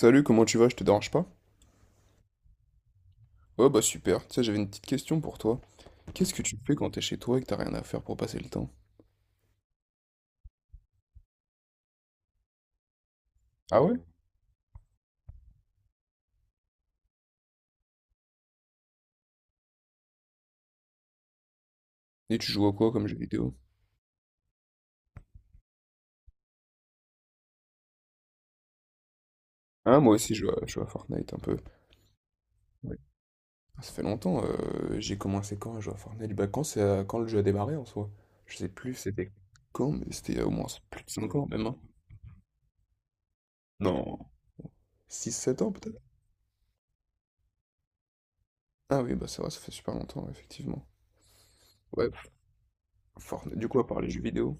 Salut, comment tu vas? Je te dérange pas? Ouais, bah super. Tu sais, j'avais une petite question pour toi. Qu'est-ce que tu fais quand t'es chez toi et que t'as rien à faire pour passer le temps? Ah ouais? Et tu joues à quoi comme jeu vidéo? Ah, moi aussi, je joue à Fortnite un peu. Ouais. Ça fait longtemps, j'ai commencé quand à jouer à Fortnite? Bah, quand, c'est, quand le jeu a démarré en soi? Je sais plus, c'était quand, mais c'était il y a au moins plus de 5 ans même, hein. Non. 6 7 ans peut-être? Ah oui, bah c'est vrai, ça fait super longtemps, effectivement. Ouais, Fortnite, du coup, à part les jeux vidéo.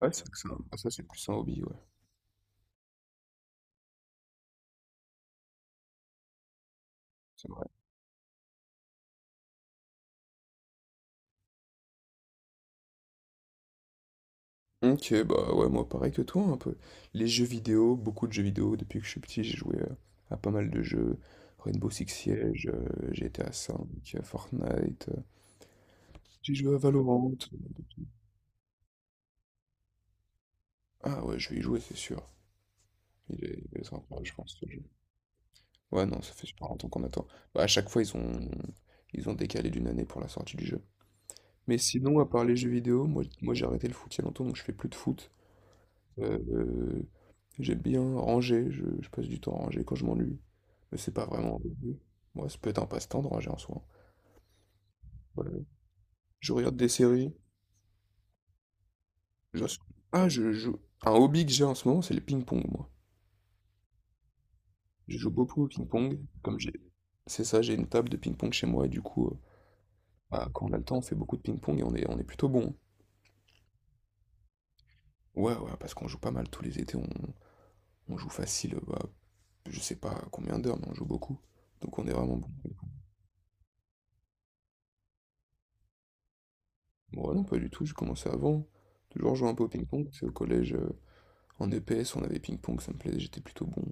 Ouais, c'est vrai que c'est ah, ça, c'est plus un hobby, ouais. C'est vrai. Ok, bah ouais, moi pareil que toi un peu. Les jeux vidéo, beaucoup de jeux vidéo. Depuis que je suis petit, j'ai joué à pas mal de jeux. Rainbow Six Siege, GTA V, Fortnite. J'ai joué à Valorant. Ah ouais, je vais y jouer, c'est sûr. Il est sympa, je pense, ce jeu. Ouais, non, ça fait super longtemps qu'on attend. Bah, à chaque fois, ils ont décalé d'une année pour la sortie du jeu. Mais sinon, à part les jeux vidéo, moi, moi j'ai arrêté le foot il y a longtemps, donc je fais plus de foot. Euh, euh, J'aime bien ranger, je passe du temps à ranger quand je m'ennuie. Mais c'est pas vraiment un hobby. Moi, ça peut être un passe-temps de ranger en soi. Voilà. Je regarde des séries. je- Ah, je joue. Un hobby que j'ai en ce moment, c'est le ping-pong, moi. Je joue beaucoup au ping-pong. Comme j'ai. C'est ça, j'ai une table de ping-pong chez moi et du coup, bah, quand on a le temps, on fait beaucoup de ping-pong et on est plutôt bon. Ouais, ouais, parce qu'on joue pas mal tous les étés, on joue facile, bah, je sais pas combien d'heures, mais on joue beaucoup. Donc on est vraiment bon. Bon, non, pas du tout, j'ai commencé avant. Toujours jouer un peu au ping-pong, c'est au collège, en EPS, on avait ping-pong, ça me plaisait, j'étais plutôt bon.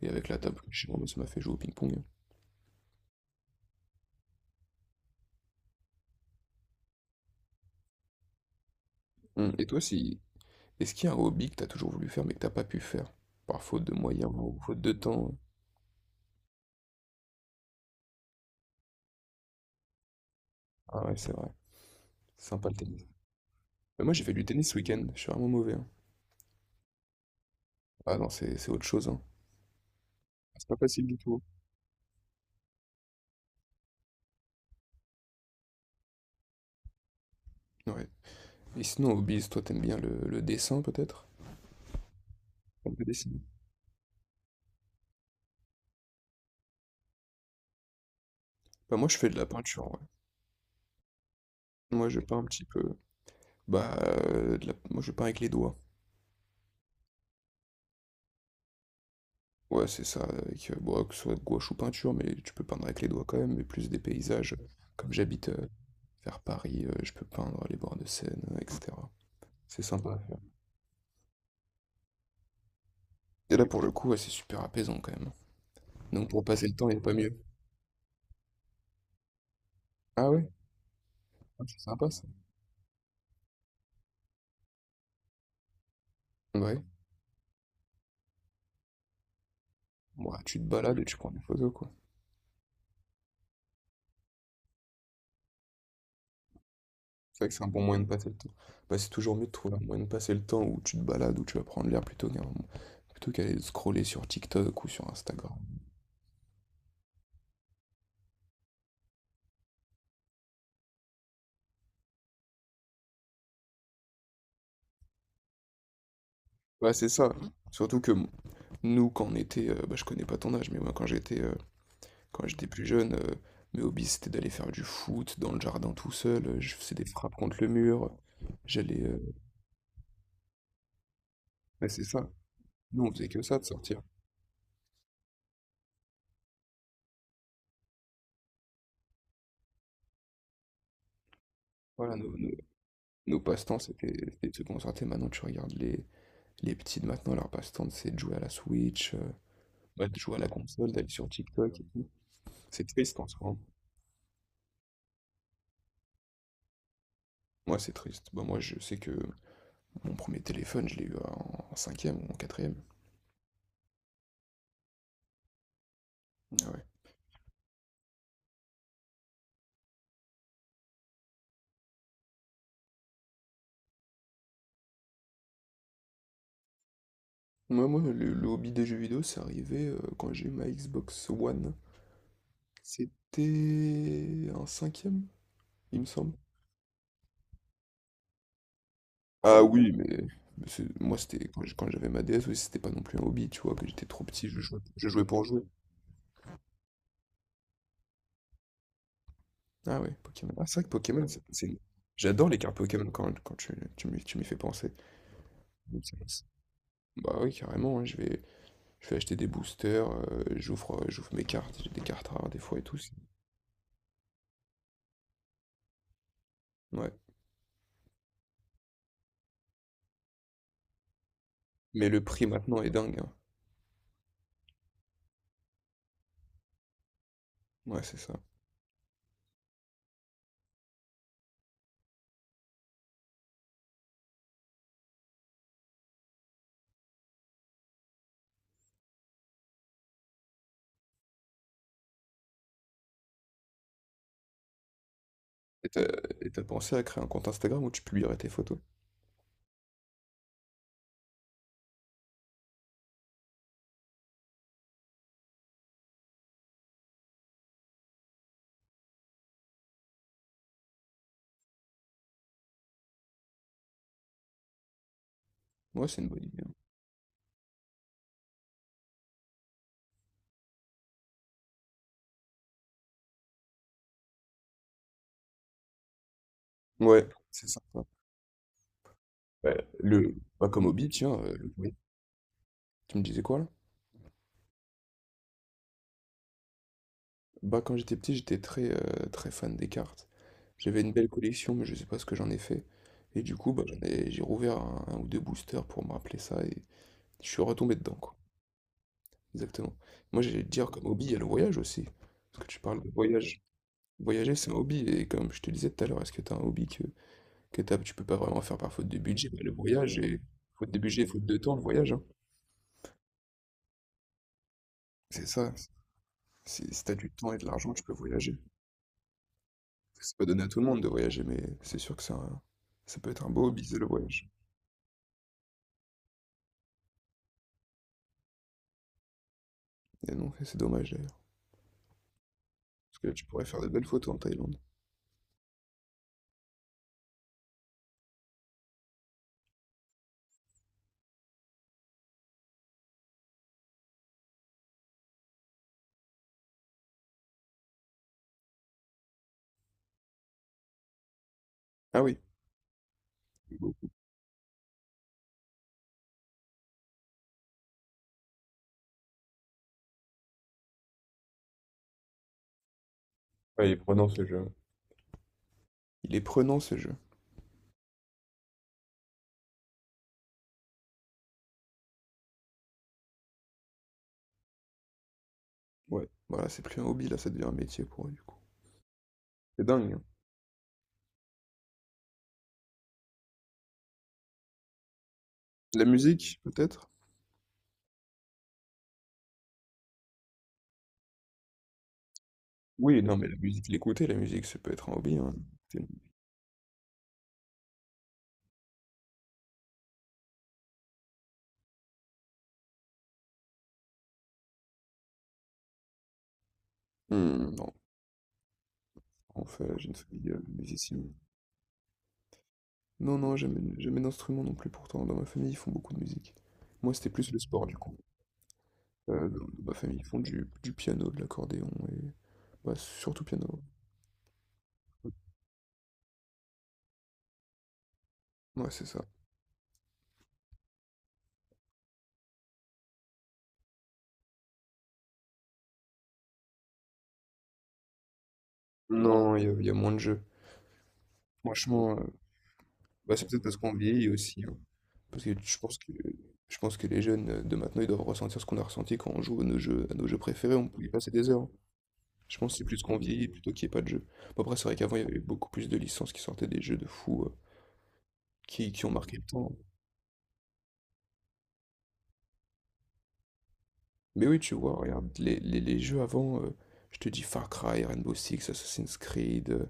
Et avec la table que j'ai, moi, ça m'a fait jouer au ping-pong. Et toi, si... est-ce qu'il y a un hobby que t'as toujours voulu faire mais que t'as pas pu faire? Par faute de moyens ou faute de temps? Hein. Ah ouais, c'est vrai. C'est sympa le tennis. Mais moi, j'ai fait du tennis ce week-end, je suis vraiment mauvais. Hein. Ah non, c'est autre chose, hein. C'est pas facile du tout. Hein. Ouais. Et sinon, hobbies, toi, t'aimes bien le dessin, peut-être? On peut dessiner Bah, moi, je fais de la peinture, ouais. Moi, je peins un petit peu. Bah, moi je peins avec les doigts. Ouais, c'est ça, avec, bon, que ce soit gouache ou peinture, mais tu peux peindre avec les doigts quand même, mais plus des paysages. Comme j'habite vers Paris, je peux peindre les bords de Seine, etc. C'est sympa à faire. Et là, pour le coup, ouais, c'est super apaisant quand même. Donc pour passer le temps, il n'y a pas mieux. Ah ouais? Ah, c'est sympa ça. Ouais. Ouais, tu te balades et tu prends des photos, quoi. C'est vrai que c'est un bon moyen de passer le temps. Bah, c'est toujours mieux de trouver un moyen de passer le temps où tu te balades, où tu vas prendre l'air plutôt qu'aller scroller sur TikTok ou sur Instagram. Ouais, c'est ça. Surtout que nous, quand on était, bah, je connais pas ton âge, mais moi, quand j'étais plus jeune, mes hobbies, c'était d'aller faire du foot dans le jardin tout seul. Je faisais des frappes contre le mur. J'allais. Ouais, c'est ça. Nous, on faisait que ça de sortir. Voilà, nos passe-temps, c'était de se concentrer. Maintenant, tu regardes les petits de maintenant, leur passe-temps, c'est de jouer à la Switch, ouais, de jouer à la console, d'aller sur TikTok et tout. C'est triste en soi. Hein. Moi, c'est triste. Bah, moi, je sais que mon premier téléphone, je l'ai eu en cinquième ou en quatrième. Ah ouais. Moi, moi, le hobby des jeux vidéo, c'est arrivé quand j'ai eu ma Xbox One. C'était un cinquième, il me semble. Ah oui, mais, moi, c'était quand j'avais ma DS, oui, c'était pas non plus un hobby, tu vois, que j'étais trop petit, je jouais pour jouer. Ah ouais, Pokémon. Ah, c'est vrai que Pokémon, c'est. J'adore les cartes Pokémon quand tu m'y fais penser. Donc, c'est- c'est- Bah oui, carrément, hein, je vais acheter des boosters, j'ouvre mes cartes, j'ai des cartes rares des fois et tout. Ouais. Mais le prix maintenant est dingue, hein. Ouais, c'est ça. Et t'as et t'as pensé à créer un compte Instagram où tu publierais tes photos? Ouais, c'est une bonne idée. Hein. Ouais, c'est sympa. Ouais, bah, comme hobby, tiens, oui, tu me disais quoi là? Bah, quand j'étais petit, j'étais très, très fan des cartes. J'avais une belle collection, mais je sais pas ce que j'en ai fait. Et du coup, bah, j'ai rouvert un ou deux boosters pour me rappeler ça et je suis retombé dedans, quoi. Exactement. Moi, j'allais te dire, comme hobby, il y a le voyage aussi. Parce que tu parles de voyage. Voyager, c'est un hobby. Et comme je te disais tout à l'heure, est-ce que t'as un hobby tu peux pas vraiment faire par faute de budget. Bah, le voyage est faute de budget, faute de temps, le voyage. Hein. C'est ça. Si, si t'as du temps et de l'argent, tu peux voyager. C'est pas donné à tout le monde de voyager, mais c'est sûr que c'est ça peut être un beau hobby, c'est le voyage. Et non, c'est dommage d'ailleurs. Parce que là, tu pourrais faire de belles photos en Thaïlande. Ah oui. Beaucoup. Ouais, il est prenant ce jeu. Il est prenant ce jeu. Ouais. Voilà, c'est plus un hobby, là, ça devient un métier pour eux, du coup. C'est dingue. Hein. La musique, peut-être? Oui, non, mais la musique, l'écouter, la musique, ça peut être un hobby. Hein. C'est- Hmm, En fait, j'ai une famille musicienne. Non, non, jamais, jamais d'instrument non plus. Pourtant, dans ma famille, ils font beaucoup de musique. Moi, c'était plus le sport, du coup. Dans ma famille, ils font du piano, de l'accordéon et. Bah, surtout piano. Ouais, c'est ça. Non, il y a moins de jeux. Franchement, bah, c'est peut-être parce qu'on vieillit aussi. Hein. Parce que je pense que les jeunes de maintenant, ils doivent ressentir ce qu'on a ressenti quand on joue à nos jeux, préférés. On peut y passer des heures. Je pense que c'est plus qu'on vieillit plutôt qu'il n'y ait pas de jeu. Bon, après, c'est vrai qu'avant, il y avait beaucoup plus de licences qui sortaient des jeux de fous. Qui ont marqué le temps. Mais oui, tu vois, regarde, les jeux avant, je te dis Far Cry, Rainbow Six, Assassin's Creed,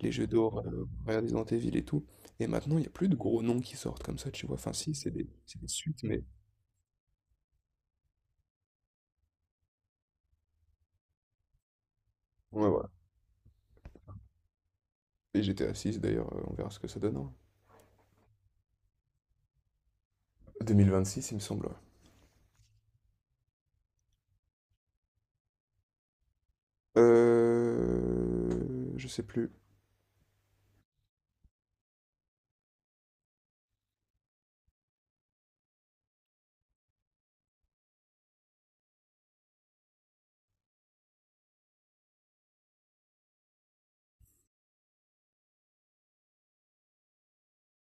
les jeux d'or, Resident Evil et tout. Et maintenant, il n'y a plus de gros noms qui sortent comme ça, tu vois. Enfin, si, c'est des suites, mais. Ouais, voilà. Et GTA 6 d'ailleurs, on verra ce que ça donne. Hein. 2026, il me semble, ouais. Je sais plus.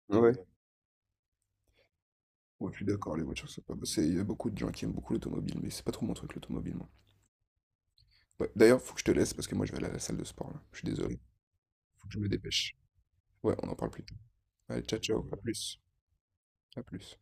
Ouais. Ouais, je suis d'accord, les voitures, c'est pas... c'est- il y a beaucoup de gens qui aiment beaucoup l'automobile, mais c'est pas trop mon truc, l'automobile, moi. Ouais. D'ailleurs, faut que je te laisse, parce que moi, je vais aller à la salle de sport, là. Je suis désolé. Faut que je me dépêche. Ouais, on n'en parle plus. Allez, ciao, ciao, à plus. À plus.